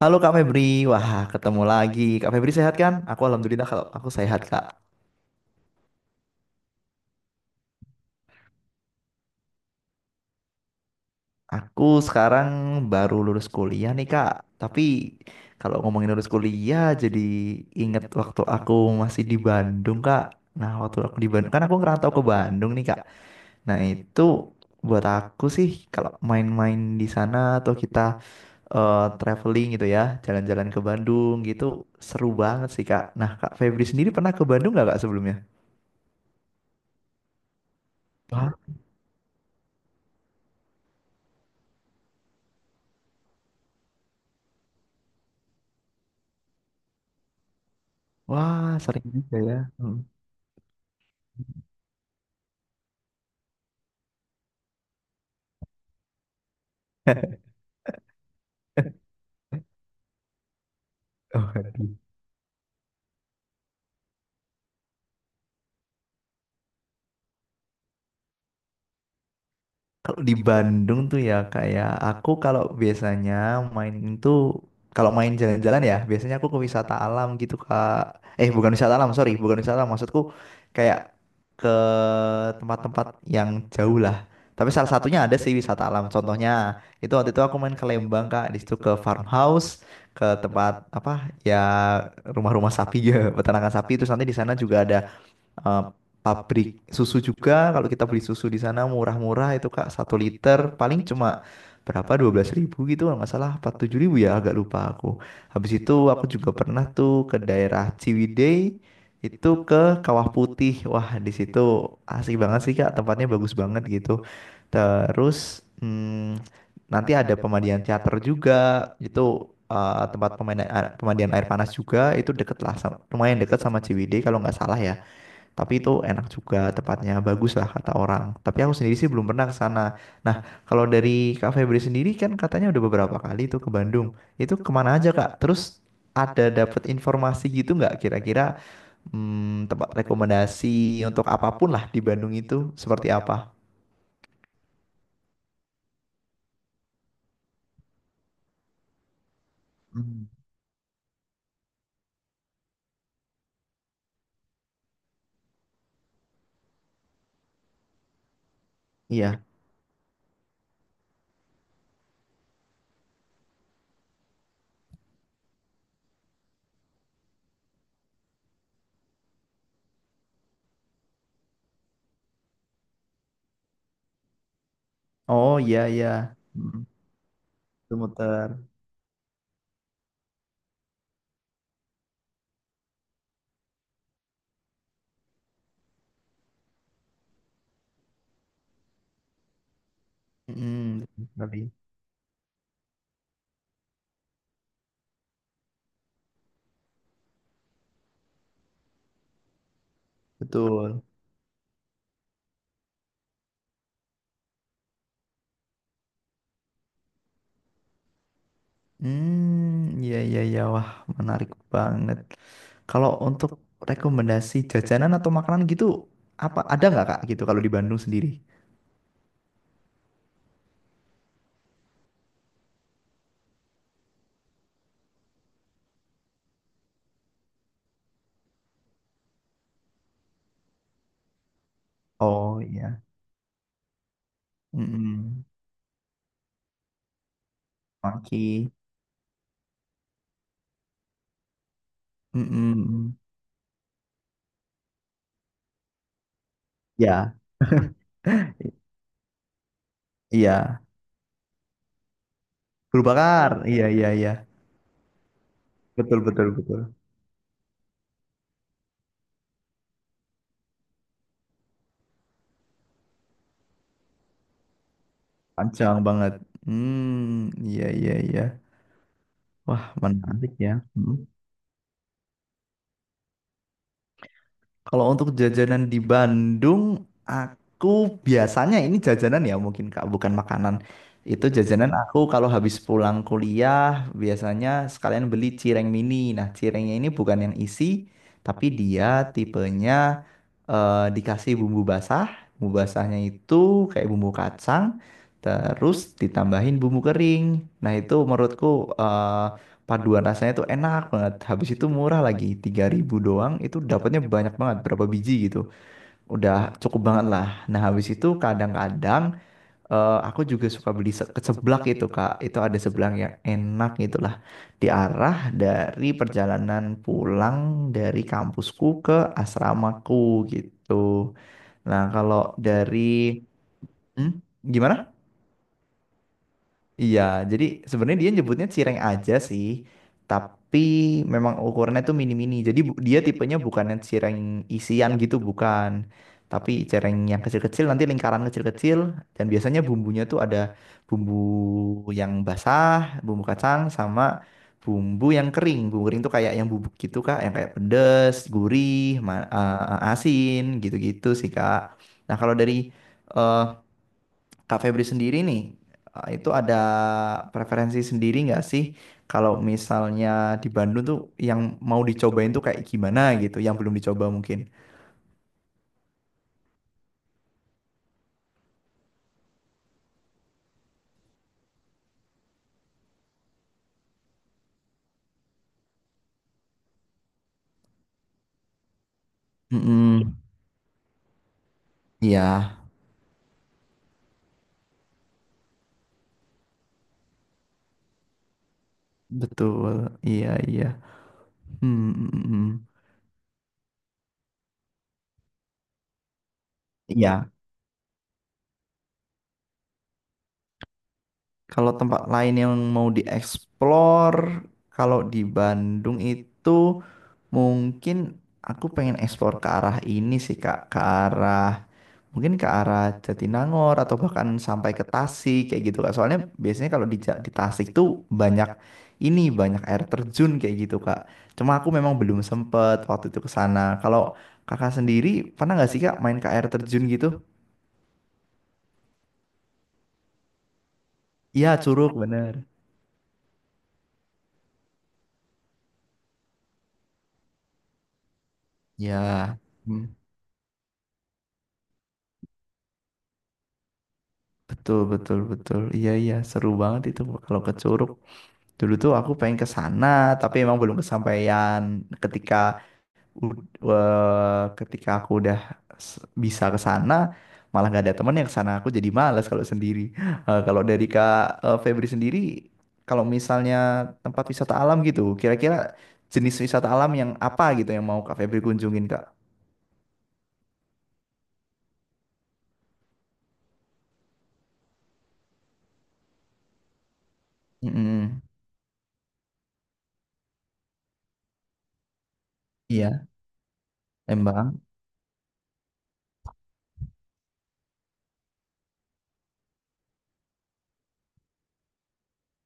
Halo Kak Febri, wah ketemu lagi. Kak Febri sehat kan? Aku alhamdulillah kalau aku sehat Kak. Aku sekarang baru lulus kuliah nih Kak. Tapi kalau ngomongin lulus kuliah jadi inget waktu aku masih di Bandung Kak. Nah waktu aku di Bandung, kan aku ngerantau ke Bandung nih Kak. Nah itu buat aku sih kalau main-main di sana atau kita traveling gitu ya, jalan-jalan ke Bandung gitu seru banget sih Kak. Nah Kak Febri sendiri pernah ke Bandung nggak Kak sebelumnya? Wah, sering juga ya. Hmm. Oh. Kalau di Bandung tuh ya kayak aku kalau biasanya main itu, kalau main jalan-jalan ya biasanya aku ke wisata alam gitu Kak. Eh bukan wisata alam, sorry, bukan wisata alam maksudku kayak ke tempat-tempat yang jauh lah. Tapi salah satunya ada sih wisata alam. Contohnya itu waktu itu aku main ke Lembang Kak, di situ ke farmhouse, ke tempat apa ya, rumah-rumah sapi ya, peternakan sapi. Terus nanti di sana juga ada eh, pabrik susu juga, kalau kita beli susu di sana murah-murah itu Kak, 1 liter paling cuma berapa, 12 ribu gitu kalau nggak salah, empat 7 ribu ya, agak lupa aku. Habis itu aku juga pernah tuh ke daerah Ciwidey, itu ke Kawah Putih, wah di situ asik banget sih Kak, tempatnya bagus banget gitu. Terus hmm, nanti ada pemandian teater juga, itu tempat pemandian, air panas juga, itu deket lah sama, lumayan deket sama Ciwidey kalau nggak salah ya. Tapi itu enak juga, tempatnya bagus lah kata orang. Tapi aku sendiri sih belum pernah ke sana. Nah, kalau dari Kak Febri sendiri kan katanya udah beberapa kali itu ke Bandung. Itu kemana aja Kak? Terus ada dapat informasi gitu nggak, kira-kira tempat rekomendasi untuk apapun lah di Bandung itu seperti apa? Hmm. Iya. Oh iya iya. Mm, itu muter. Mm, kali. Betul. Hmm, iya iya iya. Wah, menarik banget. Kalau untuk rekomendasi jajanan atau makanan gitu, apa ada nggak Kak gitu kalau di Bandung sendiri? Oh iya. Mm. Maki. Mm. Ya, iya. Guru bakar, iya iya iya. Betul betul betul. Panjang banget. Hmm, iya iya iya, wah, menarik ya. Kalau untuk jajanan di Bandung, aku biasanya ini jajanan ya mungkin Kak, bukan makanan. Itu jajanan aku kalau habis pulang kuliah biasanya sekalian beli cireng mini. Nah, cirengnya ini bukan yang isi, tapi dia tipenya dikasih bumbu basah. Bumbu basahnya itu kayak bumbu kacang, terus ditambahin bumbu kering. Nah, itu menurutku paduan rasanya tuh enak banget. Habis itu murah lagi, 3 ribu doang itu dapatnya banyak banget, berapa biji gitu. Udah cukup banget lah. Nah, habis itu kadang-kadang aku juga suka beli ke seblak itu, Kak. Itu ada seblak yang enak gitu lah. Di arah dari perjalanan pulang dari kampusku ke asramaku gitu. Nah, kalau dari hmm, gimana? Iya, jadi sebenarnya dia nyebutnya cireng aja sih, tapi memang ukurannya tuh mini-mini. Jadi dia tipenya bukan yang cireng isian gitu, bukan. Tapi cireng yang kecil-kecil, nanti lingkaran kecil-kecil, dan biasanya bumbunya tuh ada bumbu yang basah, bumbu kacang, sama bumbu yang kering. Bumbu kering tuh kayak yang bubuk gitu, Kak, yang kayak pedes, gurih, asin, gitu-gitu sih, Kak. Nah, kalau dari eh, Kak Febri sendiri nih, itu ada preferensi sendiri nggak sih kalau misalnya di Bandung tuh yang mau dicobain tuh kayak gimana gitu, yang belum dicoba mungkin. Mm-mm. Iya, betul. Iya, iya. Hmm, mm, mm, mm. Iya, kalau tempat lain yang mau dieksplor, kalau di Bandung itu mungkin aku pengen eksplor ke arah ini sih Kak, ke arah mungkin ke arah Jatinangor atau bahkan sampai ke Tasik kayak gitu Kak. Soalnya biasanya kalau di, di Tasik tuh banyak, banyak air terjun kayak gitu Kak. Cuma aku memang belum sempet waktu itu ke sana. Kalau Kakak sendiri pernah nggak sih Kak main ke air terjun gitu? Iya, Curug bener. Ya. Hmm, betul betul betul. Iya iya seru banget itu kalau ke Curug. Dulu tuh aku pengen ke sana tapi emang belum kesampaian ketika, ketika aku udah s- bisa ke sana malah nggak ada temen yang ke sana, aku jadi malas kalau sendiri. Kalau dari Kak Febri sendiri, kalau misalnya tempat wisata alam gitu, kira-kira jenis wisata alam yang apa gitu yang mau Kak Febri kunjungin Kak? Mm-mm. Iya. Lembang.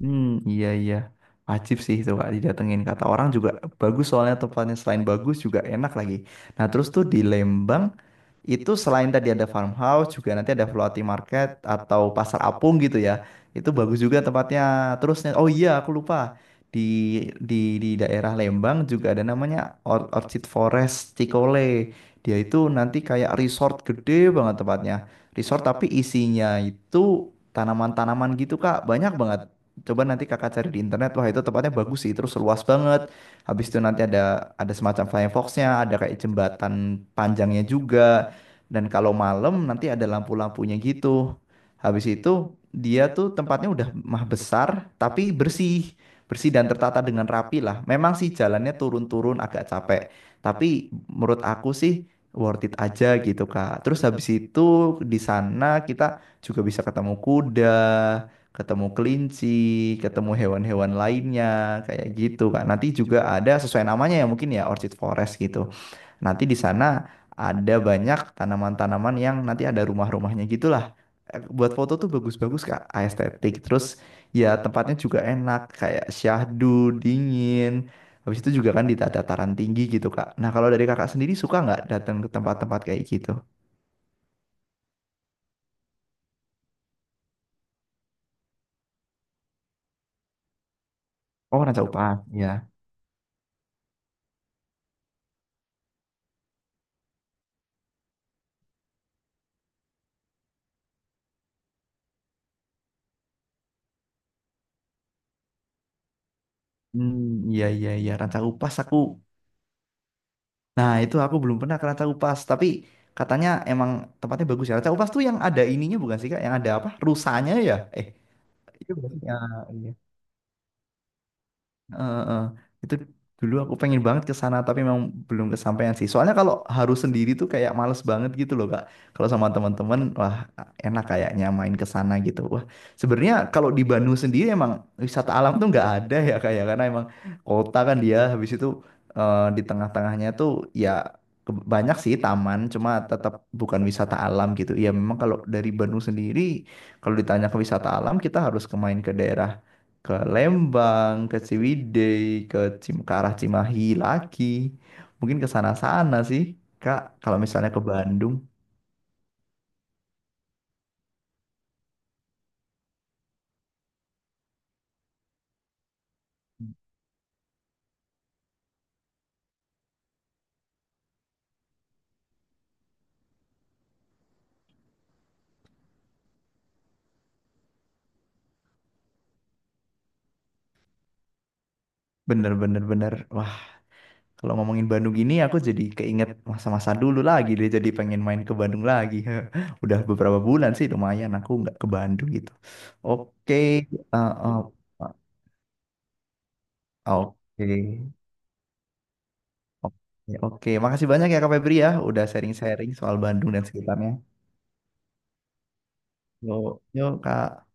Hmm, iya iya. Wajib sih itu Kak didatengin, kata orang juga bagus, soalnya tempatnya selain bagus juga enak lagi. Nah, terus tuh di Lembang itu, selain tadi ada farmhouse, juga nanti ada floating market atau pasar apung gitu ya, itu bagus juga tempatnya. Terusnya oh iya aku lupa, di di daerah Lembang juga ada namanya Orchid Forest Cikole, dia itu nanti kayak resort gede banget tempatnya, resort tapi isinya itu tanaman-tanaman gitu Kak, banyak banget. Coba nanti Kakak cari di internet, wah itu tempatnya bagus sih, terus luas banget. Habis itu nanti ada, semacam flying fox-nya, ada kayak jembatan panjangnya juga. Dan kalau malam nanti ada lampu-lampunya gitu. Habis itu dia tuh tempatnya udah mah besar tapi bersih. Bersih dan tertata dengan rapi lah. Memang sih jalannya turun-turun agak capek. Tapi menurut aku sih worth it aja gitu Kak. Terus habis itu di sana kita juga bisa ketemu kuda, ketemu kelinci, ketemu hewan-hewan lainnya kayak gitu Kak. Nanti juga ada, sesuai namanya ya mungkin ya Orchid Forest gitu. Nanti di sana ada banyak tanaman-tanaman yang nanti ada rumah-rumahnya gitulah. Buat foto tuh bagus-bagus Kak, estetik. Terus ya tempatnya juga enak, kayak syahdu, dingin. Habis itu juga kan di dataran tinggi gitu Kak. Nah kalau dari Kakak sendiri suka nggak datang ke tempat-tempat kayak gitu? Oh Ranca Upas, ya. Hmm, iya iya iya, Ranca Upas aku. Nah itu aku belum pernah ke Ranca Upas, tapi katanya emang tempatnya bagus ya. Ranca Upas tuh yang ada ininya bukan sih Kak? Yang ada apa? Rusanya ya? Eh. Itu berarti ya, iya. Eh, eh, eh. Itu dulu aku pengen banget ke sana tapi memang belum kesampaian sih. Soalnya kalau harus sendiri tuh kayak males banget gitu loh, Kak. Kalau sama teman-teman wah enak kayaknya main ke sana gitu. Wah, sebenarnya kalau di Bandung sendiri emang wisata alam tuh nggak ada ya, kayak karena emang kota kan dia. Habis itu di tengah-tengahnya tuh ya, banyak sih taman cuma tetap bukan wisata alam gitu. Ya memang kalau dari Bandung sendiri, kalau ditanya ke wisata alam, kita harus ke, main ke daerah, ke Lembang, ke Ciwidey, ke ke arah Cimahi lagi. Mungkin ke sana-sana sih, Kak. Kalau misalnya ke Bandung, bener-bener bener. Bener, bener. Wah, kalau ngomongin Bandung gini aku jadi keinget masa-masa dulu lagi deh. Jadi pengen main ke Bandung lagi. Udah beberapa bulan sih lumayan aku nggak ke Bandung gitu. Oke, uh, uh, oke. Oke, oke. Makasih banyak ya Kak Febri, ya udah sharing-sharing soal Bandung dan sekitarnya. Yuk, yuk Kak.